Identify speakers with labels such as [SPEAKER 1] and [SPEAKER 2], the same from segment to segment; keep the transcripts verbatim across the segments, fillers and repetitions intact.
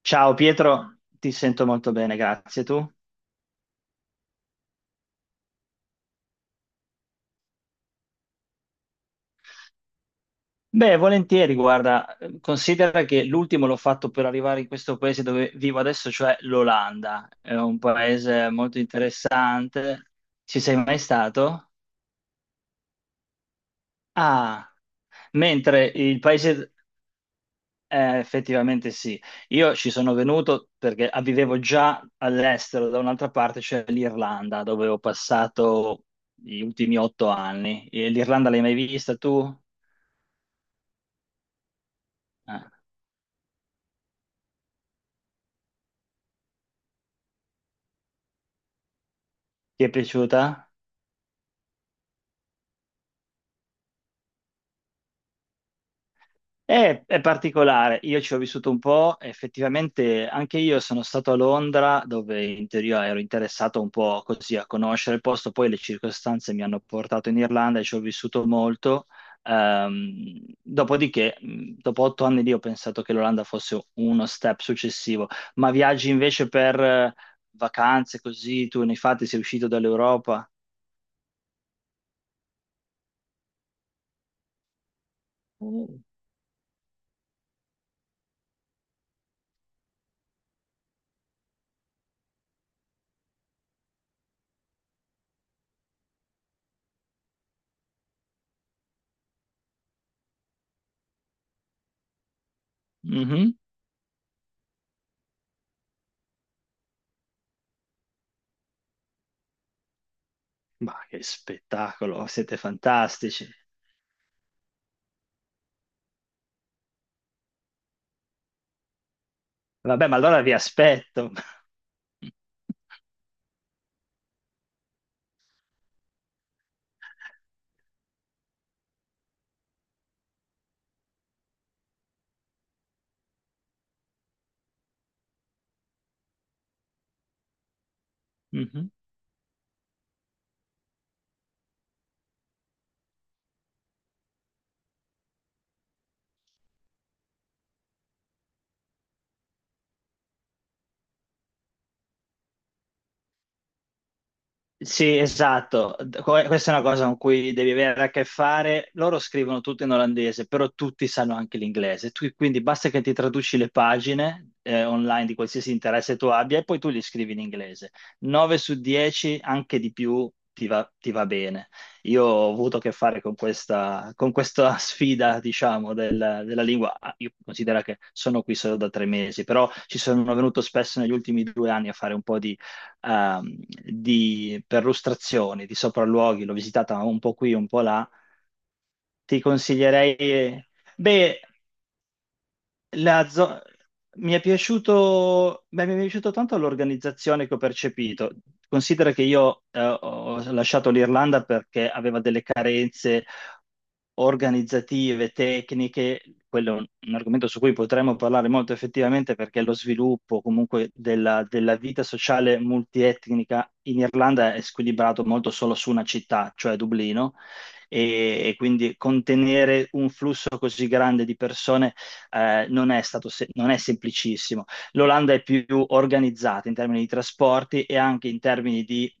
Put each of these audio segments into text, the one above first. [SPEAKER 1] Ciao Pietro, ti sento molto bene, grazie tu. Beh, volentieri, guarda, eh, considera che l'ultimo l'ho fatto per arrivare in questo paese dove vivo adesso, cioè l'Olanda. È un paese molto interessante. Ci sei mai stato? Ah, mentre il paese... eh, effettivamente sì. Io ci sono venuto perché vivevo già all'estero, da un'altra parte, cioè l'Irlanda, dove ho passato gli ultimi otto anni. E l'Irlanda l'hai mai vista tu? Eh. Ti è piaciuta? È, è particolare, io ci ho vissuto un po', effettivamente anche io sono stato a Londra dove in teoria ero interessato un po' così a conoscere il posto, poi le circostanze mi hanno portato in Irlanda e ci ho vissuto molto. Ehm, dopodiché, mh, dopo otto anni lì ho pensato che l'Olanda fosse uno step successivo, ma viaggi invece per eh, vacanze così, tu ne hai fatti, sei uscito dall'Europa? Mm. Mhm. Ma che spettacolo, siete fantastici. Vabbè, ma allora vi aspetto. Mhm. Sì, esatto. D- que- Questa è una cosa con cui devi avere a che fare. Loro scrivono tutto in olandese, però tutti sanno anche l'inglese. Tu- quindi basta che ti traduci le pagine eh, online di qualsiasi interesse tu abbia e poi tu li scrivi in inglese. nove su dieci, anche di più, ti va, ti va bene. Io ho avuto a che fare con questa, con questa sfida, diciamo, del- della lingua. Ah, io considero che sono qui solo da tre mesi, però ci sono venuto spesso negli ultimi due anni a fare un po' di ehm, di perlustrazioni, di sopralluoghi, l'ho visitata un po' qui, un po' là. ti consiglierei... Beh, la zo- mi è piaciuto, beh, mi è piaciuto tanto l'organizzazione che ho percepito. Considera che io eh, ho lasciato l'Irlanda perché aveva delle carenze organizzative, tecniche. Quello è un, un argomento su cui potremmo parlare molto effettivamente perché lo sviluppo comunque della, della vita sociale multietnica in Irlanda è squilibrato molto solo su una città, cioè Dublino, e e quindi contenere un flusso così grande di persone eh, non è stato se- non è semplicissimo. L'Olanda è più organizzata in termini di trasporti e anche in termini di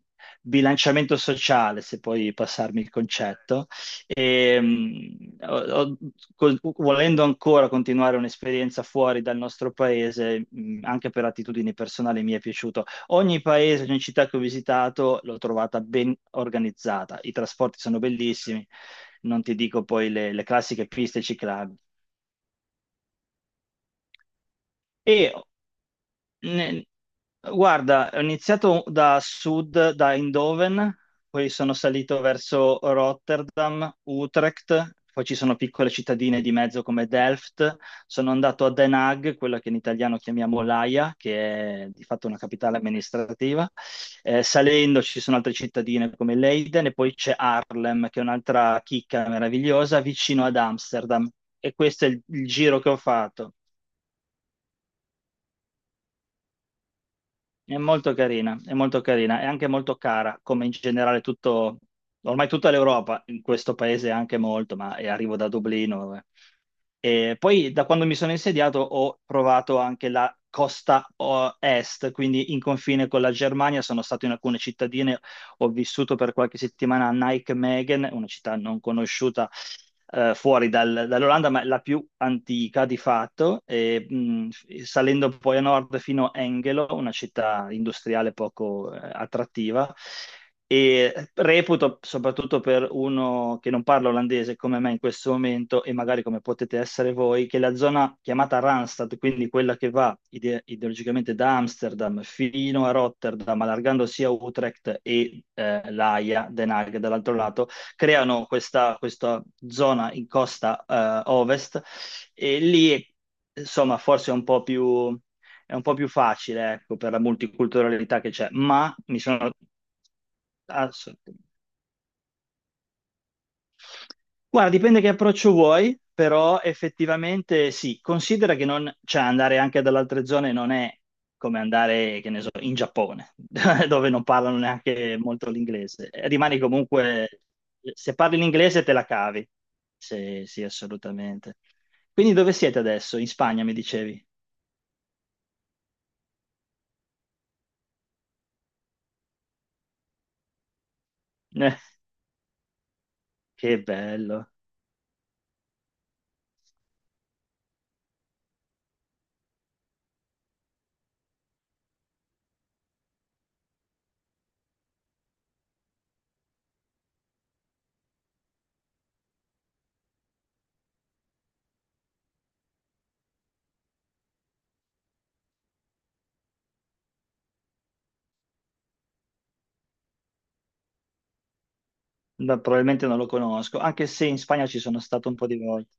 [SPEAKER 1] bilanciamento sociale, se puoi passarmi il concetto. E, mh, ho- ho- col- volendo ancora continuare un'esperienza fuori dal nostro paese, mh, anche per attitudini personali mi è piaciuto. Ogni paese, ogni città che ho visitato l'ho trovata ben organizzata. I trasporti sono bellissimi, non ti dico poi le, le classiche piste ciclabili. E Ne- guarda, ho iniziato da sud, da Eindhoven, poi sono salito verso Rotterdam, Utrecht, poi ci sono piccole cittadine di mezzo come Delft, sono andato a Den Haag, quella che in italiano chiamiamo l'Aia, che è di fatto una capitale amministrativa. Eh, salendo ci sono altre cittadine come Leiden e poi c'è Haarlem, che è un'altra chicca meravigliosa vicino ad Amsterdam. E questo è il il giro che ho fatto. È molto carina, è molto carina, è anche molto cara, come in generale tutto, ormai tutta l'Europa, in questo paese anche molto, ma eh, arrivo da Dublino, vabbè. E poi da quando mi sono insediato ho provato anche la costa o- est, quindi in confine con la Germania, sono stato in alcune cittadine, ho vissuto per qualche settimana a Nijmegen, una città non conosciuta eh, fuori dal- dall'Olanda, ma la più antica di fatto, e, mh, salendo poi a nord fino a Engelo, una città industriale poco eh, attrattiva e reputo, soprattutto per uno che non parla olandese come me in questo momento e magari come potete essere voi, che la zona chiamata Randstad, quindi quella che va ide- ideologicamente da Amsterdam fino a Rotterdam, allargando sia Utrecht e eh, l'Aia, Den Haag dall'altro lato, creano questa, questa zona in costa eh, ovest e lì, insomma, forse è un po' più è un po' più facile, ecco, per la multiculturalità che c'è, ma mi sono assolutamente. Guarda, dipende che approccio vuoi, però effettivamente sì, considera che non, cioè andare anche dalle altre zone non è come andare, che ne so, in Giappone, dove non parlano neanche molto l'inglese. Rimani comunque, se parli l'inglese te la cavi. Sì, sì, assolutamente. Quindi dove siete adesso? In Spagna, mi dicevi? Eh, che bello. No, probabilmente non lo conosco, anche se in Spagna ci sono stato un po' di volte.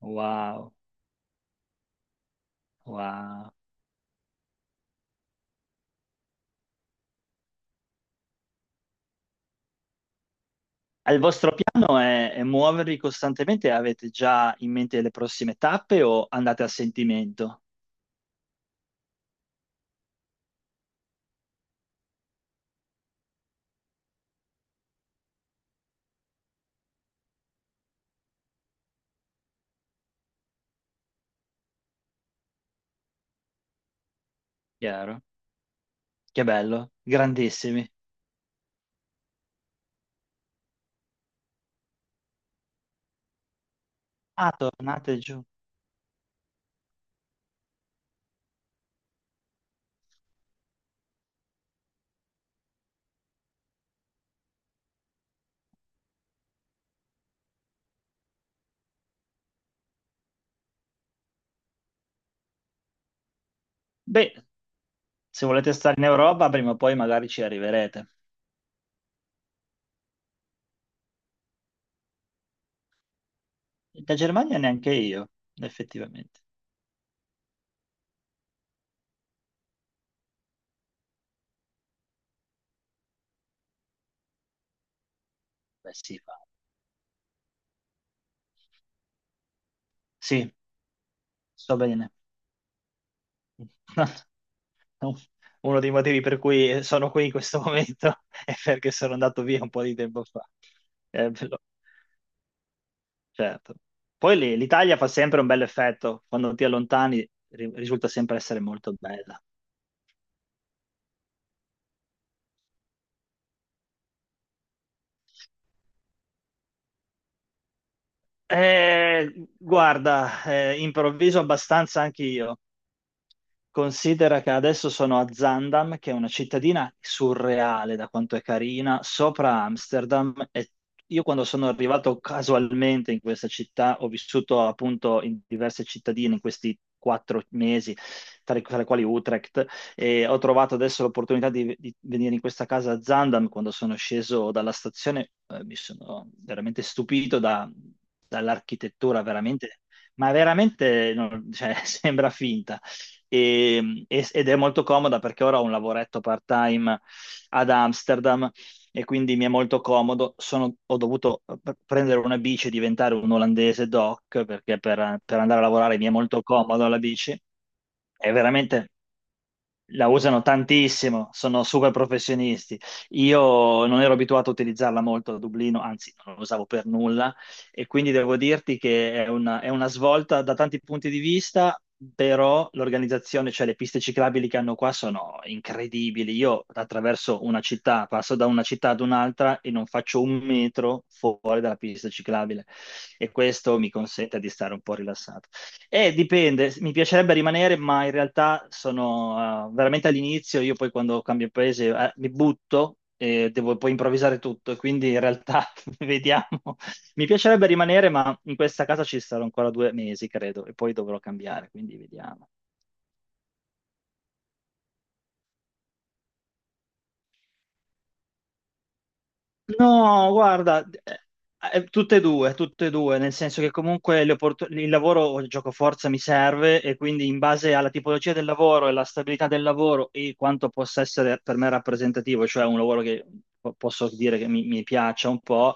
[SPEAKER 1] Wow, wow. Il vostro piano è, è muovervi costantemente? Avete già in mente le prossime tappe o andate a sentimento? Chiaro. Che bello, grandissimi. Ah, tornate giù. Beh, se volete stare in Europa, prima o poi magari ci arriverete. Da Germania neanche io, effettivamente. Beh, sì, va. Sì, sto bene. Uno dei motivi per cui sono qui in questo momento è perché sono andato via un po' di tempo fa. Eh, Certo. Poi lì- l'Italia fa sempre un bel effetto, quando ti allontani ri- risulta sempre essere molto bella. Eh, guarda, eh, improvviso abbastanza anch'io. Considera che adesso sono a Zandam, che è una cittadina surreale da quanto è carina, sopra Amsterdam. E io quando sono arrivato casualmente in questa città, ho vissuto appunto in diverse cittadine in questi quattro mesi, tra, tra le quali Utrecht, e ho trovato adesso l'opportunità di, di venire in questa casa a Zandam. Quando sono sceso dalla stazione, eh, mi sono veramente stupito da- dall'architettura, veramente, ma veramente no, cioè, sembra finta e- e- ed è molto comoda perché ora ho un lavoretto part-time ad Amsterdam e quindi mi è molto comodo. Sono- ho dovuto p- prendere una bici e diventare un olandese doc perché per, per andare a lavorare mi è molto comodo la bici. È veramente la usano tantissimo, sono super professionisti. Io non ero abituato a utilizzarla molto a Dublino, anzi non la usavo per nulla e quindi devo dirti che è una, è una svolta da tanti punti di vista, però l'organizzazione, cioè le piste ciclabili che hanno qua sono incredibili. Io attraverso una città, passo da una città ad un'altra e non faccio un metro fuori dalla pista ciclabile e questo mi consente di stare un po' rilassato. Eh, dipende, mi piacerebbe rimanere, ma in realtà sono eh, veramente all'inizio, io poi quando cambio paese eh, mi butto e devo poi improvvisare tutto, e quindi in realtà vediamo. Mi piacerebbe rimanere, ma in questa casa ci sarò ancora due mesi, credo, e poi dovrò cambiare, quindi vediamo. No, guarda, eh, eh, tutte e due, tutte e due, nel senso che comunque le opport- il lavoro o il gioco forza mi serve e quindi in base alla tipologia del lavoro e alla stabilità del lavoro e quanto possa essere per me rappresentativo, cioè un lavoro che po- posso dire che mi, mi piaccia un po'.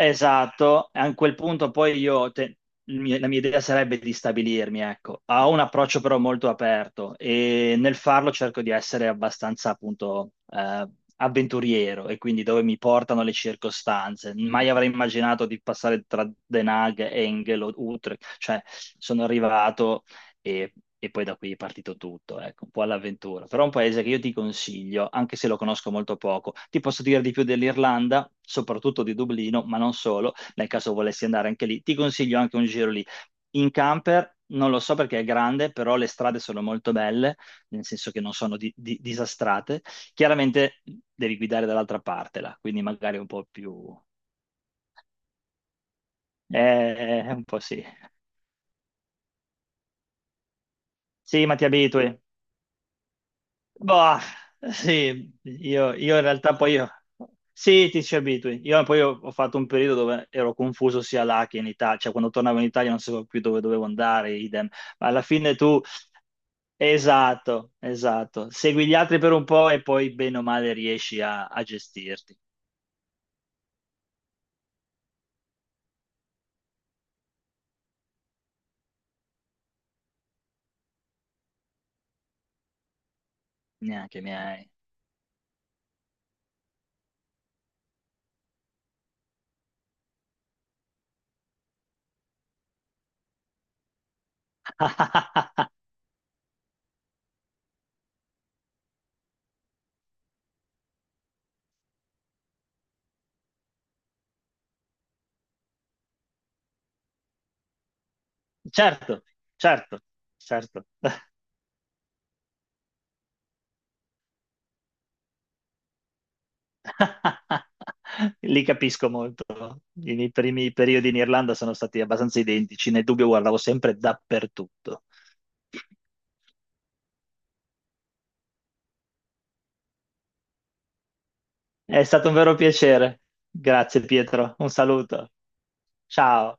[SPEAKER 1] Esatto, a quel punto poi io, te- il mio- la mia idea sarebbe di stabilirmi, ecco, ho un approccio però molto aperto e nel farlo cerco di essere abbastanza appunto eh, avventuriero e quindi dove mi portano le circostanze. Mai avrei immaginato di passare tra Den Haag, Engel o Utrecht, cioè sono arrivato e, e poi da qui è partito tutto, ecco, un po' all'avventura. Però è un paese che io ti consiglio, anche se lo conosco molto poco. Ti posso dire di più dell'Irlanda, soprattutto di Dublino, ma non solo, nel caso volessi andare anche lì. Ti consiglio anche un giro lì. In camper, non lo so perché è grande, però le strade sono molto belle, nel senso che non sono di- di- disastrate. Chiaramente devi guidare dall'altra parte là, quindi magari un po' più. Eh, un po' sì. Sì, ma ti abitui. Boh, sì, io, io in realtà poi io, sì, ti ci abitui. Io poi ho, ho fatto un periodo dove ero confuso sia là che in Italia, cioè quando tornavo in Italia non sapevo più dove dovevo andare, idem. Ma alla fine tu, esatto, esatto, segui gli altri per un po' e poi bene o male riesci a, a gestirti. Neanche i miei. Certo, certo, certo. Li capisco molto. I miei primi periodi in Irlanda sono stati abbastanza identici, nel dubbio guardavo sempre dappertutto. È stato un vero piacere. Grazie Pietro, un saluto. Ciao.